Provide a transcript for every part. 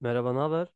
Merhaba, ne haber?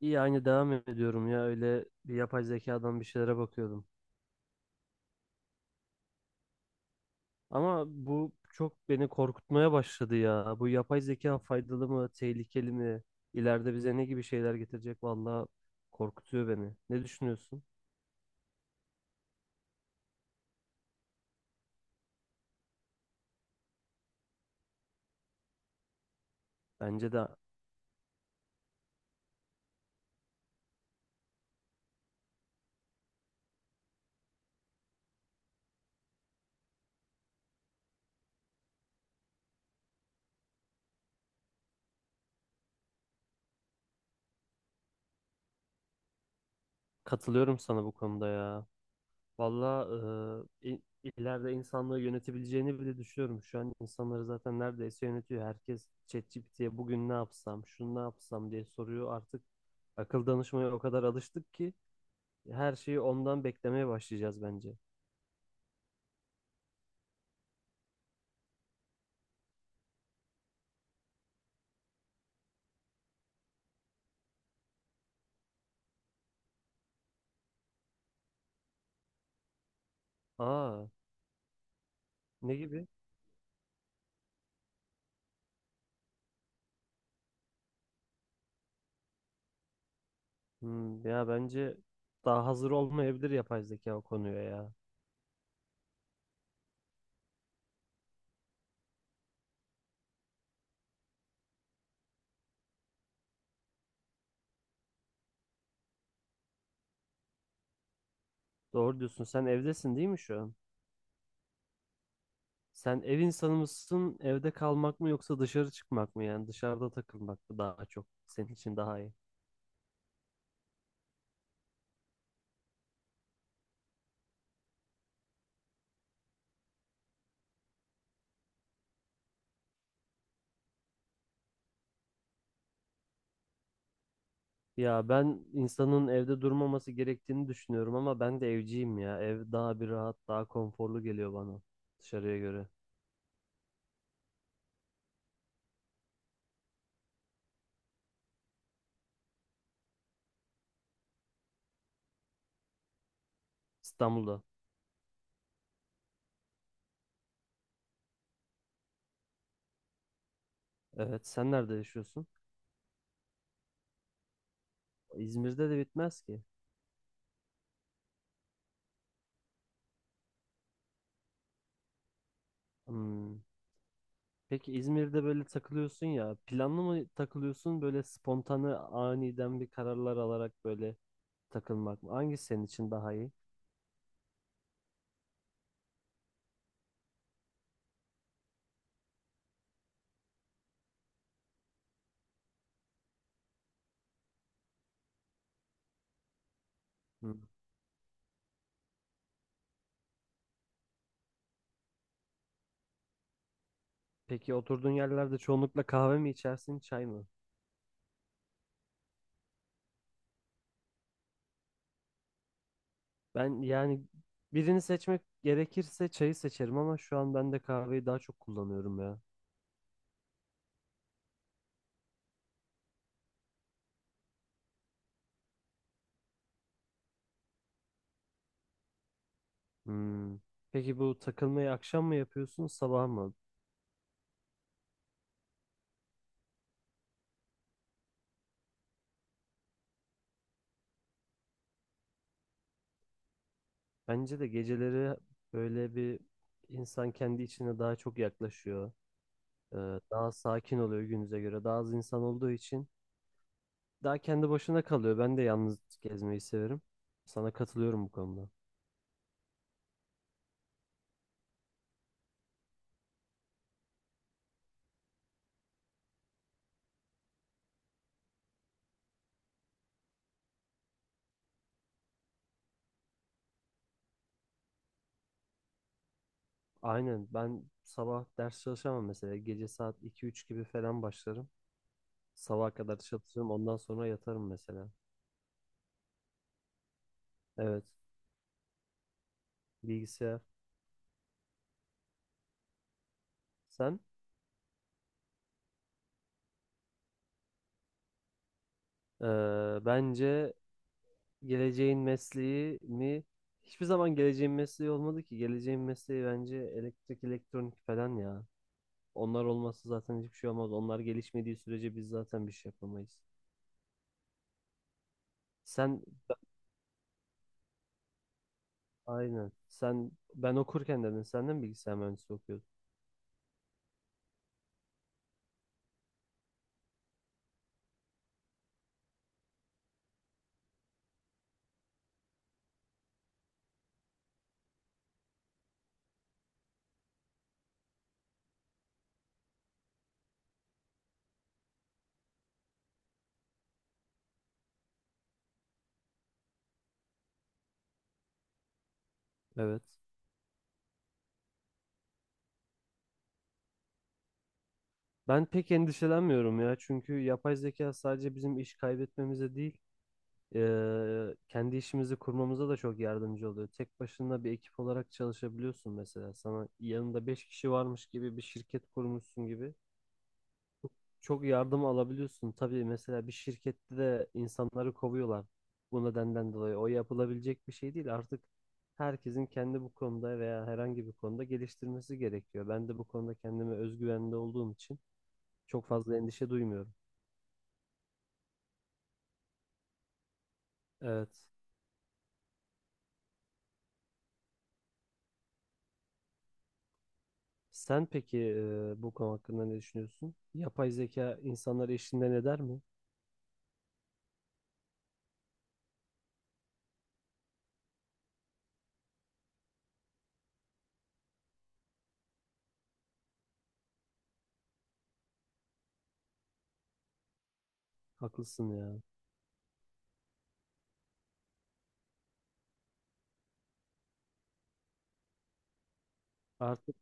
İyi, aynı devam ediyorum ya. Öyle bir yapay zekadan bir şeylere bakıyordum. Ama bu çok beni korkutmaya başladı ya. Bu yapay zeka faydalı mı, tehlikeli mi? İleride bize ne gibi şeyler getirecek? Vallahi korkutuyor beni. Ne düşünüyorsun? Bence de katılıyorum sana bu konuda ya. Vallahi ileride insanlığı yönetebileceğini bile düşünüyorum. Şu an insanları zaten neredeyse yönetiyor. Herkes ChatGPT'ye bugün ne yapsam, şunu ne yapsam diye soruyor. Artık akıl danışmaya o kadar alıştık ki her şeyi ondan beklemeye başlayacağız bence. Aa, ne gibi? Hmm, ya bence daha hazır olmayabilir yapay zeka o konuya ya. Doğru diyorsun. Sen evdesin değil mi şu an? Sen ev insanı mısın? Evde kalmak mı yoksa dışarı çıkmak mı? Yani dışarıda takılmak mı daha çok senin için daha iyi? Ya ben insanın evde durmaması gerektiğini düşünüyorum ama ben de evciyim ya. Ev daha bir rahat, daha konforlu geliyor bana dışarıya göre. İstanbul'da. Evet, sen nerede yaşıyorsun? İzmir'de de bitmez ki. Hmm. Peki İzmir'de böyle takılıyorsun ya, planlı mı takılıyorsun böyle spontane aniden bir kararlar alarak böyle takılmak mı? Hangisi senin için daha iyi? Hmm. Peki oturduğun yerlerde çoğunlukla kahve mi içersin, çay mı? Ben yani birini seçmek gerekirse çayı seçerim ama şu an ben de kahveyi daha çok kullanıyorum ya. Hmm. Peki bu takılmayı akşam mı yapıyorsun, sabah mı? Bence de geceleri böyle bir insan kendi içine daha çok yaklaşıyor. Daha sakin oluyor günümüze göre. Daha az insan olduğu için daha kendi başına kalıyor. Ben de yalnız gezmeyi severim. Sana katılıyorum bu konuda. Aynen ben sabah ders çalışamam mesela. Gece saat iki üç gibi falan başlarım. Sabaha kadar çalışırım. Ondan sonra yatarım mesela. Evet. Bilgisayar. Sen? Bence geleceğin mesleği mi? Hiçbir zaman geleceğin mesleği olmadı ki. Geleceğin mesleği bence elektrik, elektronik falan ya. Onlar olmazsa zaten hiçbir şey olmaz. Onlar gelişmediği sürece biz zaten bir şey yapamayız. Sen aynen. Sen ben okurken dedin senden bilgisayar mühendisliği okuyordun. Evet. Ben pek endişelenmiyorum ya. Çünkü yapay zeka sadece bizim iş kaybetmemize değil, kendi işimizi kurmamıza da çok yardımcı oluyor. Tek başına bir ekip olarak çalışabiliyorsun mesela. Sana yanında 5 kişi varmış gibi bir şirket kurmuşsun gibi. Çok yardım alabiliyorsun. Tabii mesela bir şirkette de insanları kovuyorlar bu nedenden dolayı. O yapılabilecek bir şey değil. Artık herkesin kendi bu konuda veya herhangi bir konuda geliştirmesi gerekiyor. Ben de bu konuda kendime özgüvende olduğum için çok fazla endişe duymuyorum. Evet. Sen peki bu konu hakkında ne düşünüyorsun? Yapay zeka insanları işinden eder mi? Haklısın ya. Artık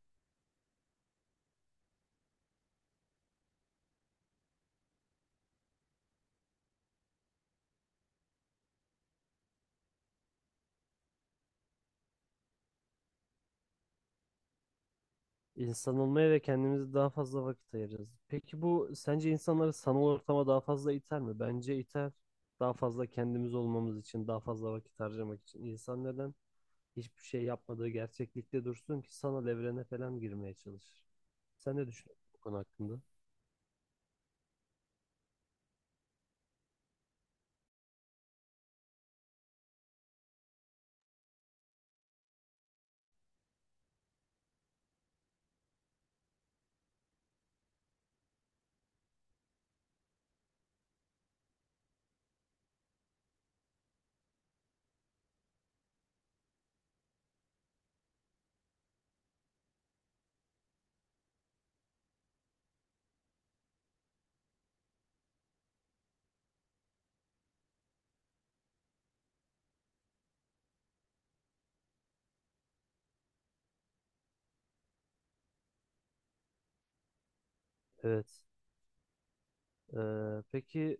İnsan olmaya ve kendimize daha fazla vakit ayırırız. Peki bu sence insanları sanal ortama daha fazla iter mi? Bence iter. Daha fazla kendimiz olmamız için, daha fazla vakit harcamak için. İnsan neden hiçbir şey yapmadığı gerçeklikte dursun ki sanal evrene falan girmeye çalışır? Sen ne düşünüyorsun bu konu hakkında? Evet. Peki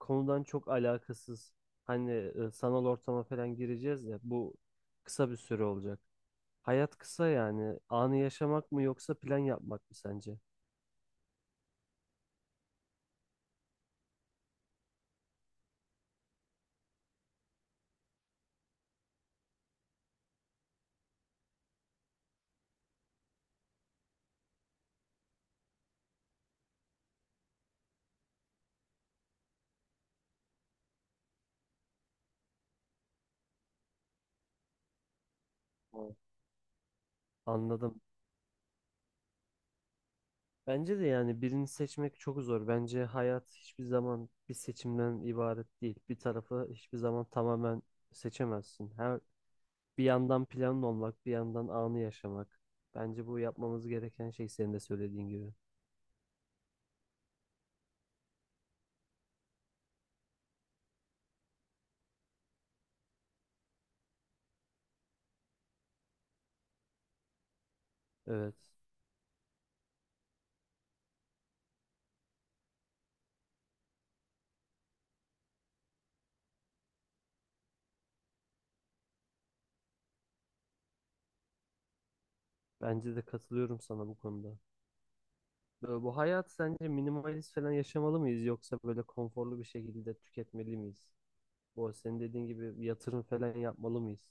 konudan çok alakasız. Hani sanal ortama falan gireceğiz ya bu kısa bir süre olacak. Hayat kısa yani. Anı yaşamak mı yoksa plan yapmak mı sence? Evet. Anladım. Bence de yani birini seçmek çok zor. Bence hayat hiçbir zaman bir seçimden ibaret değil. Bir tarafı hiçbir zaman tamamen seçemezsin. Her bir yandan planlı olmak, bir yandan anı yaşamak. Bence bu yapmamız gereken şey senin de söylediğin gibi. Evet. Bence de katılıyorum sana bu konuda. Böyle bu hayat sence minimalist falan yaşamalı mıyız yoksa böyle konforlu bir şekilde tüketmeli miyiz? Bu senin dediğin gibi yatırım falan yapmalı mıyız?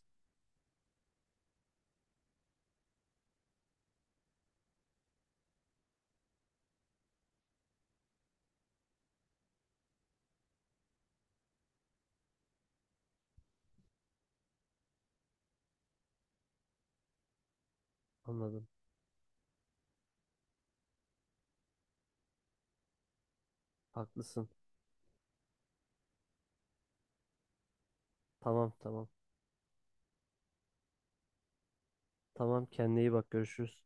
Anladım. Haklısın. Tamam, tamam. Tamam, kendine iyi bak, görüşürüz.